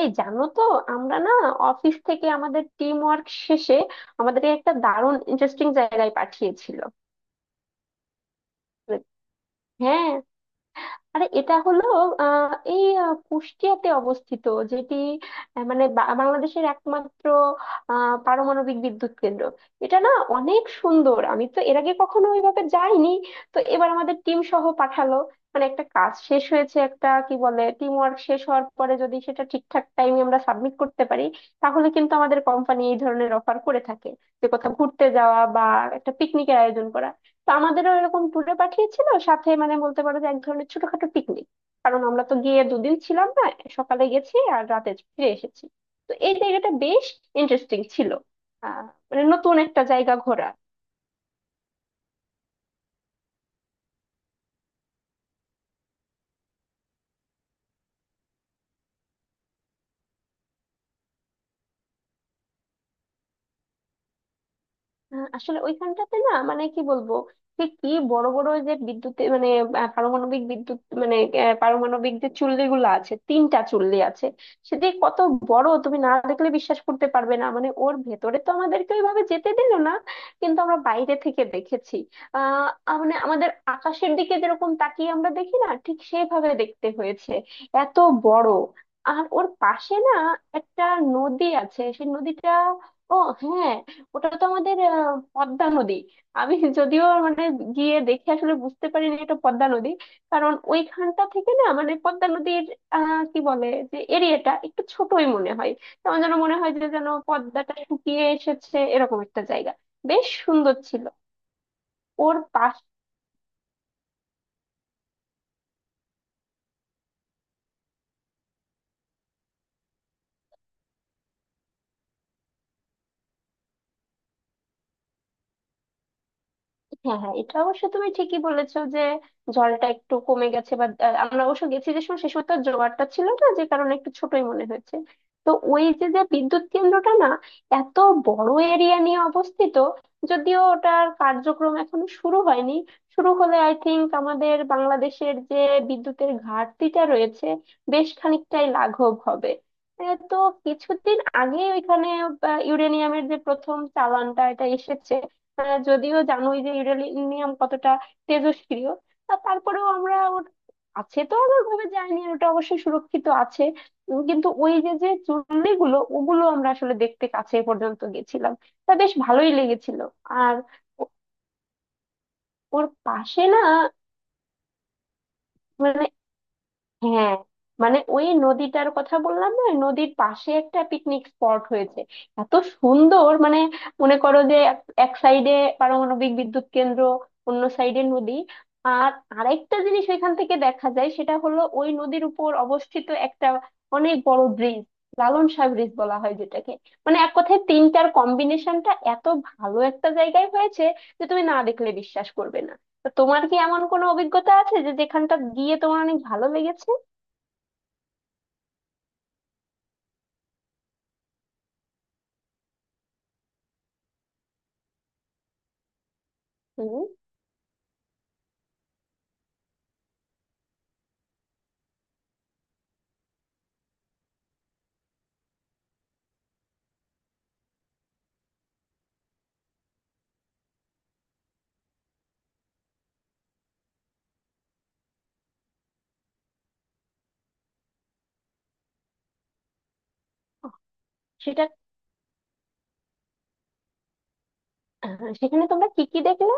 এই জানো তো আমরা না অফিস থেকে আমাদের টিম ওয়ার্ক শেষে আমাদেরকে একটা দারুণ ইন্টারেস্টিং জায়গায় পাঠিয়েছিল। হ্যাঁ। আরে এটা হলো কুষ্টিয়াতে অবস্থিত, যেটি মানে বাংলাদেশের একমাত্র পারমাণবিক বিদ্যুৎ কেন্দ্র। এটা না অনেক সুন্দর, আমি তো এর আগে কখনো ওইভাবে যাইনি। তো এবার আমাদের টিম সহ পাঠালো। মানে একটা কাজ শেষ হয়েছে, একটা কি বলে টিম ওয়ার্ক শেষ হওয়ার পরে যদি সেটা ঠিকঠাক টাইমে আমরা সাবমিট করতে পারি, তাহলে কিন্তু আমাদের কোম্পানি এই ধরনের অফার করে থাকে, যে কোথাও ঘুরতে যাওয়া বা একটা পিকনিকের আয়োজন করা। তো আমাদেরও এরকম ট্যুরে পাঠিয়েছিল, সাথে মানে বলতে পারো যে এক ধরনের ছোটখাটো পিকনিক। কারণ আমরা তো গিয়ে দুদিন ছিলাম না, সকালে গেছি আর রাতে ফিরে এসেছি। তো এই জায়গাটা বেশ ইন্টারেস্টিং ছিল, আহ মানে নতুন একটা জায়গা ঘোরা। আসলে ওইখানটাতে না মানে কি বলবো, সে কি বড় বড় ওই যে বিদ্যুৎ মানে পারমাণবিক বিদ্যুৎ মানে পারমাণবিক যে চুল্লি গুলো আছে, তিনটা চুল্লি আছে। সেটি কত বড় তুমি না দেখলে বিশ্বাস করতে পারবে না। মানে ওর ভেতরে তো আমাদেরকে ওইভাবে যেতে দিল না, কিন্তু আমরা বাইরে থেকে দেখেছি। আহ আহ, মানে আমাদের আকাশের দিকে যেরকম তাকিয়ে আমরা দেখি না, ঠিক সেইভাবে দেখতে হয়েছে, এত বড়। আর ওর পাশে না একটা নদী আছে, সেই নদীটা, ও হ্যাঁ, ওটা তো আমাদের পদ্মা নদী। আমি যদিও মানে গিয়ে দেখে আসলে বুঝতে পারিনি এটা পদ্মা নদী। কারণ ওইখানটা থেকে না, মানে পদ্মা নদীর আহ কি বলে যে এরিয়াটা একটু ছোটই মনে হয়। তেমন যেন মনে হয় যে যেন পদ্মাটা শুকিয়ে এসেছে এরকম একটা জায়গা। বেশ সুন্দর ছিল। ওর। হ্যাঁ হ্যাঁ, এটা অবশ্য তুমি ঠিকই বলেছো যে জলটা একটু কমে গেছে। বা আমরা অবশ্য গেছি যে সময়, সে সময় তো আর জোয়ারটা ছিল না, যে কারণে একটু ছোটই মনে হয়েছে। তো ওই যে যে বিদ্যুৎ কেন্দ্রটা না এত বড় এরিয়া নিয়ে অবস্থিত। যদিও ওটার কার্যক্রম এখনো শুরু হয়নি। শুরু হলে আই থিংক আমাদের বাংলাদেশের যে বিদ্যুতের ঘাটতিটা রয়েছে, বেশ খানিকটাই লাঘব হবে। এ, তো কিছুদিন আগে ওইখানে ইউরেনিয়ামের যে প্রথম চালানটা এটা এসেছে। যদিও জানোই যে ইউরেনিয়াম কতটা তেজস্ক্রিয়, তা তারপরেও আমরা ওর আছে তো আবার ভাবে যায়নি, আর ওটা অবশ্যই সুরক্ষিত আছে। কিন্তু ওই যে যে চুল্লিগুলো, ওগুলো আমরা আসলে দেখতে কাছে পর্যন্ত গেছিলাম। তা বেশ ভালোই লেগেছিল। আর ও- ওর পাশে না, মানে হ্যাঁ, মানে ওই নদীটার কথা বললাম না, ওই নদীর পাশে একটা পিকনিক স্পট হয়েছে। এত সুন্দর, মানে মনে করো যে এক এক সাইডে পারমাণবিক বিদ্যুৎ কেন্দ্র, অন্য সাইডে নদী। আর আরেকটা জিনিস ওইখান থেকে দেখা যায়, সেটা হলো ওই নদীর উপর অবস্থিত একটা অনেক বড় ব্রিজ, লালন শাহ ব্রিজ বলা হয় যেটাকে। মানে এক কথায় তিনটার কম্বিনেশনটা এত ভালো একটা জায়গায় হয়েছে যে তুমি না দেখলে বিশ্বাস করবে না। তো তোমার কি এমন কোনো অভিজ্ঞতা আছে যে যেখানটা গিয়ে তোমার অনেক ভালো লেগেছে? হুম। সেটা সেখানে তোমরা কি কি দেখলে?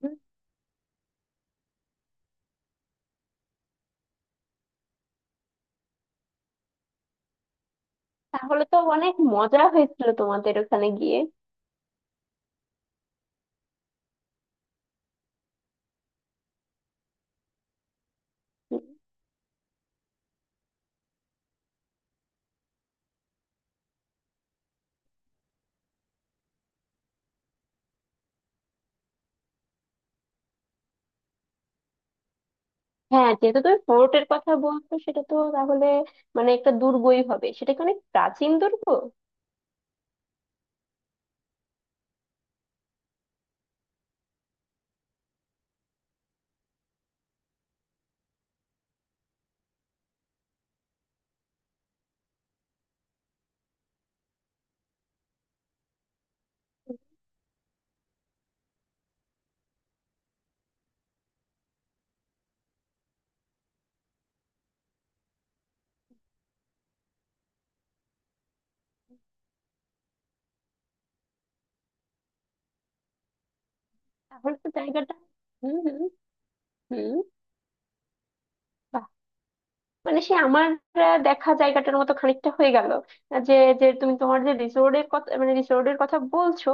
হুম। তাহলে তো অনেক মজা হয়েছিল তোমাদের ওখানে গিয়ে? হুম। হ্যাঁ, যেহেতু তুমি ফোর্টের কথা বলছো, সেটা তো তাহলে মানে একটা দুর্গই হবে। সেটা কি অনেক প্রাচীন দুর্গ? তাহলে তো জায়গাটা, হুম হুম। হুম, মানে সে আমার দেখা জায়গাটার মতো খানিকটা হয়ে গেল। যে যে তুমি তোমার যে রিসোর্টের কথা মানে রিসোর্টের কথা বলছো,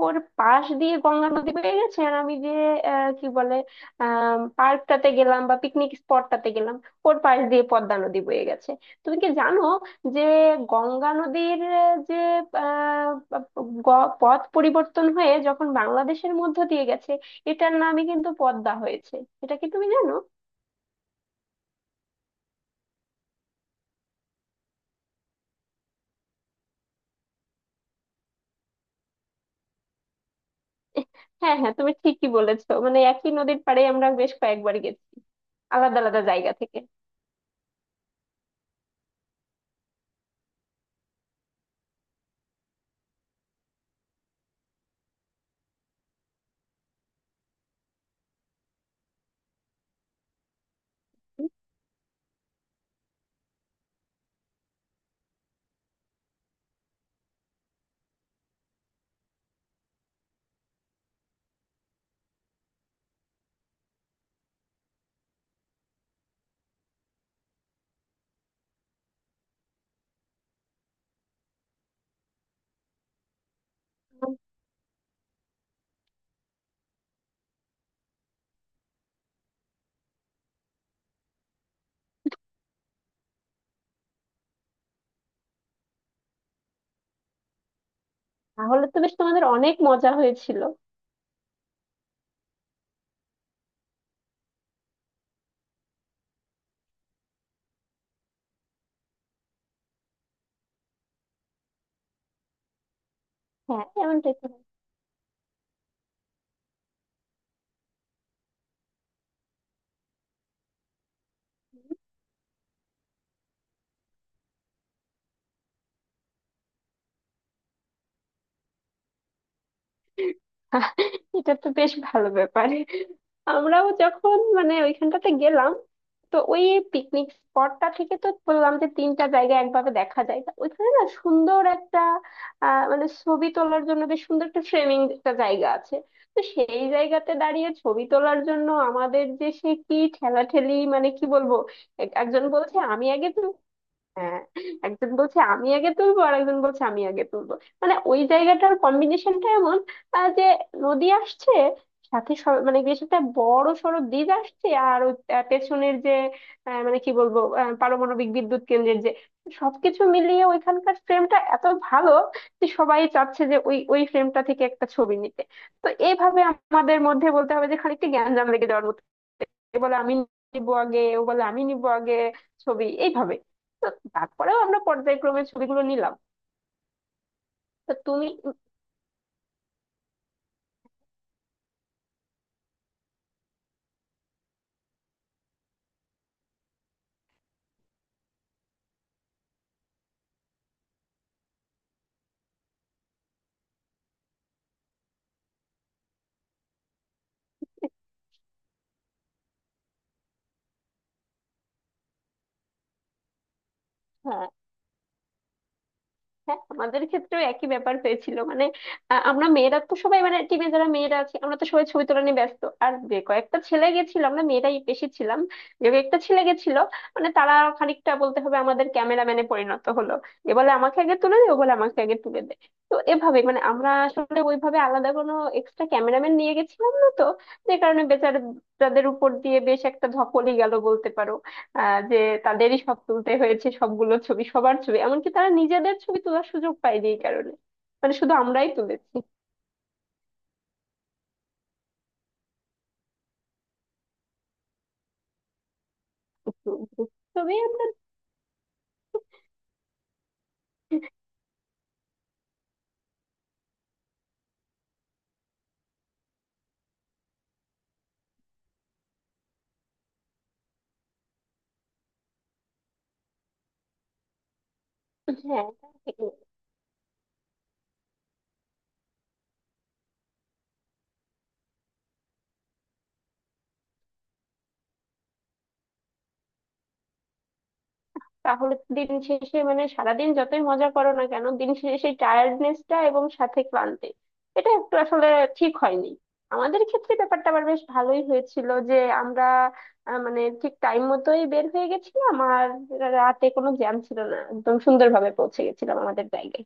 ওর পাশ দিয়ে গঙ্গা নদী বয়ে গেছে। আর আমি যে আহ, কি বলে পার্কটাতে গেলাম বা পিকনিক স্পটটাতে গেলাম, ওর পাশ দিয়ে পদ্মা নদী বয়ে গেছে। তুমি কি জানো যে গঙ্গা নদীর আহ, যে আহ, গ- পথ পরিবর্তন হয়ে যখন বাংলাদেশের মধ্য দিয়ে গেছে, এটার নামই কিন্তু পদ্মা হয়েছে? এটা কি তুমি জানো? হ্যাঁ হ্যাঁ, তুমি ঠিকই বলেছো, মানে একই নদীর পাড়ে আমরা বেশ কয়েকবার গেছি, আলাদা আলাদা জায়গা থেকে। উম, তাহলে তো বেশ তোমাদের অনেক মজা হয়েছিল। হ্যাঁ এমনটাই তো। আহ, এটা তো বেশ ভালো ব্যাপার। আমরাও যখন মানে ওইখানটাতে গেলাম, তো ওই পিকনিক স্পটটা থেকে তো বললাম যে তিনটা জায়গা একভাবে দেখা যায়, তা ওইখানে না সুন্দর একটা মানে ছবি তোলার জন্য বেশ সুন্দর একটা ফ্রেমিং একটা জায়গা আছে। তো সেই জায়গাতে দাঁড়িয়ে ছবি তোলার জন্য আমাদের যে সে কি ঠেলাঠেলি, মানে কি বলবো, একজন বলছে আমি আগে। হ্যাঁ। একজন বলছে আমি আগে তুলবো, আর একজন বলছে আমি আগে তুলবো। মানে ওই জায়গাটার কম্বিনেশনটা এমন, যে নদী আসছে, সাথে মানে বেশ একটা বড় সড়ো ব্রিজ আসছে, আর ওই পেছনের যে আহ, মানে কি বলবো আহ, পারমাণবিক বিদ্যুৎ কেন্দ্রের যে সবকিছু মিলিয়ে ওইখানকার ফ্রেমটা এত ভালো, যে সবাই চাচ্ছে যে ওই ওই ফ্রেমটা থেকে একটা ছবি নিতে। তো এইভাবে আমাদের মধ্যে বলতে হবে যে খানিকটা জ্ঞানজাম লেগে যাওয়ার মতো। এ বলে আমি নিবো আগে, ও বলে আমি নিবো আগে ছবি এইভাবে। তো তারপরেও আমরা পর্যায়ক্রমে ছবিগুলো নিলাম। তো তুমি। হ্যাঁ হ্যাঁ, আমাদের ক্ষেত্রেও একই ব্যাপার হয়েছিল, মানে আমরা মেয়েরা তো সবাই, মানে টিমে যারা মেয়েরা আছে আমরা তো সবাই ছবি তোলা নিয়ে ব্যস্ত। আর যে কয়েকটা ছেলে গেছিল, আমরা মেয়েরাই বেশি ছিলাম, যে কয়েকটা ছেলে গেছিল, মানে তারা খানিকটা বলতে হবে আমাদের ক্যামেরাম্যানে পরিণত হলো। এ বলে আমাকে আগে তুলে দে, ও বলে আমাকে আগে তুলে দে। তো এভাবে, মানে আমরা আসলে ওইভাবে আলাদা কোনো এক্সট্রা ক্যামেরাম্যান নিয়ে গেছিলাম না তো, যে কারণে বেচারাদের উপর দিয়ে বেশ একটা ধকলই গেল বলতে পারো। যে তাদেরই সব তুলতে হয়েছে, সবগুলো ছবি, সবার ছবি। এমনকি তারা নিজেদের ছবি তোলার সুযোগ পায়নি এই কারণে, মানে শুধু আমরাই তুলেছি group ছবি আমরা। হ্যাঁ তা ঠিক। তাহলে দিন শেষে মানে সারাদিন যতই মজা করো না কেন, দিন শেষে সেই টায়ার্ডনেসটা এবং সাথে ক্লান্তি, এটা একটু আসলে ঠিক হয়নি। আমাদের ক্ষেত্রে ব্যাপারটা আবার বেশ ভালোই হয়েছিল যে আমরা মানে ঠিক টাইম মতোই বের হয়ে গেছিলাম, আর রাতে কোনো জ্যাম ছিল না, একদম সুন্দরভাবে পৌঁছে গেছিলাম আমাদের জায়গায়।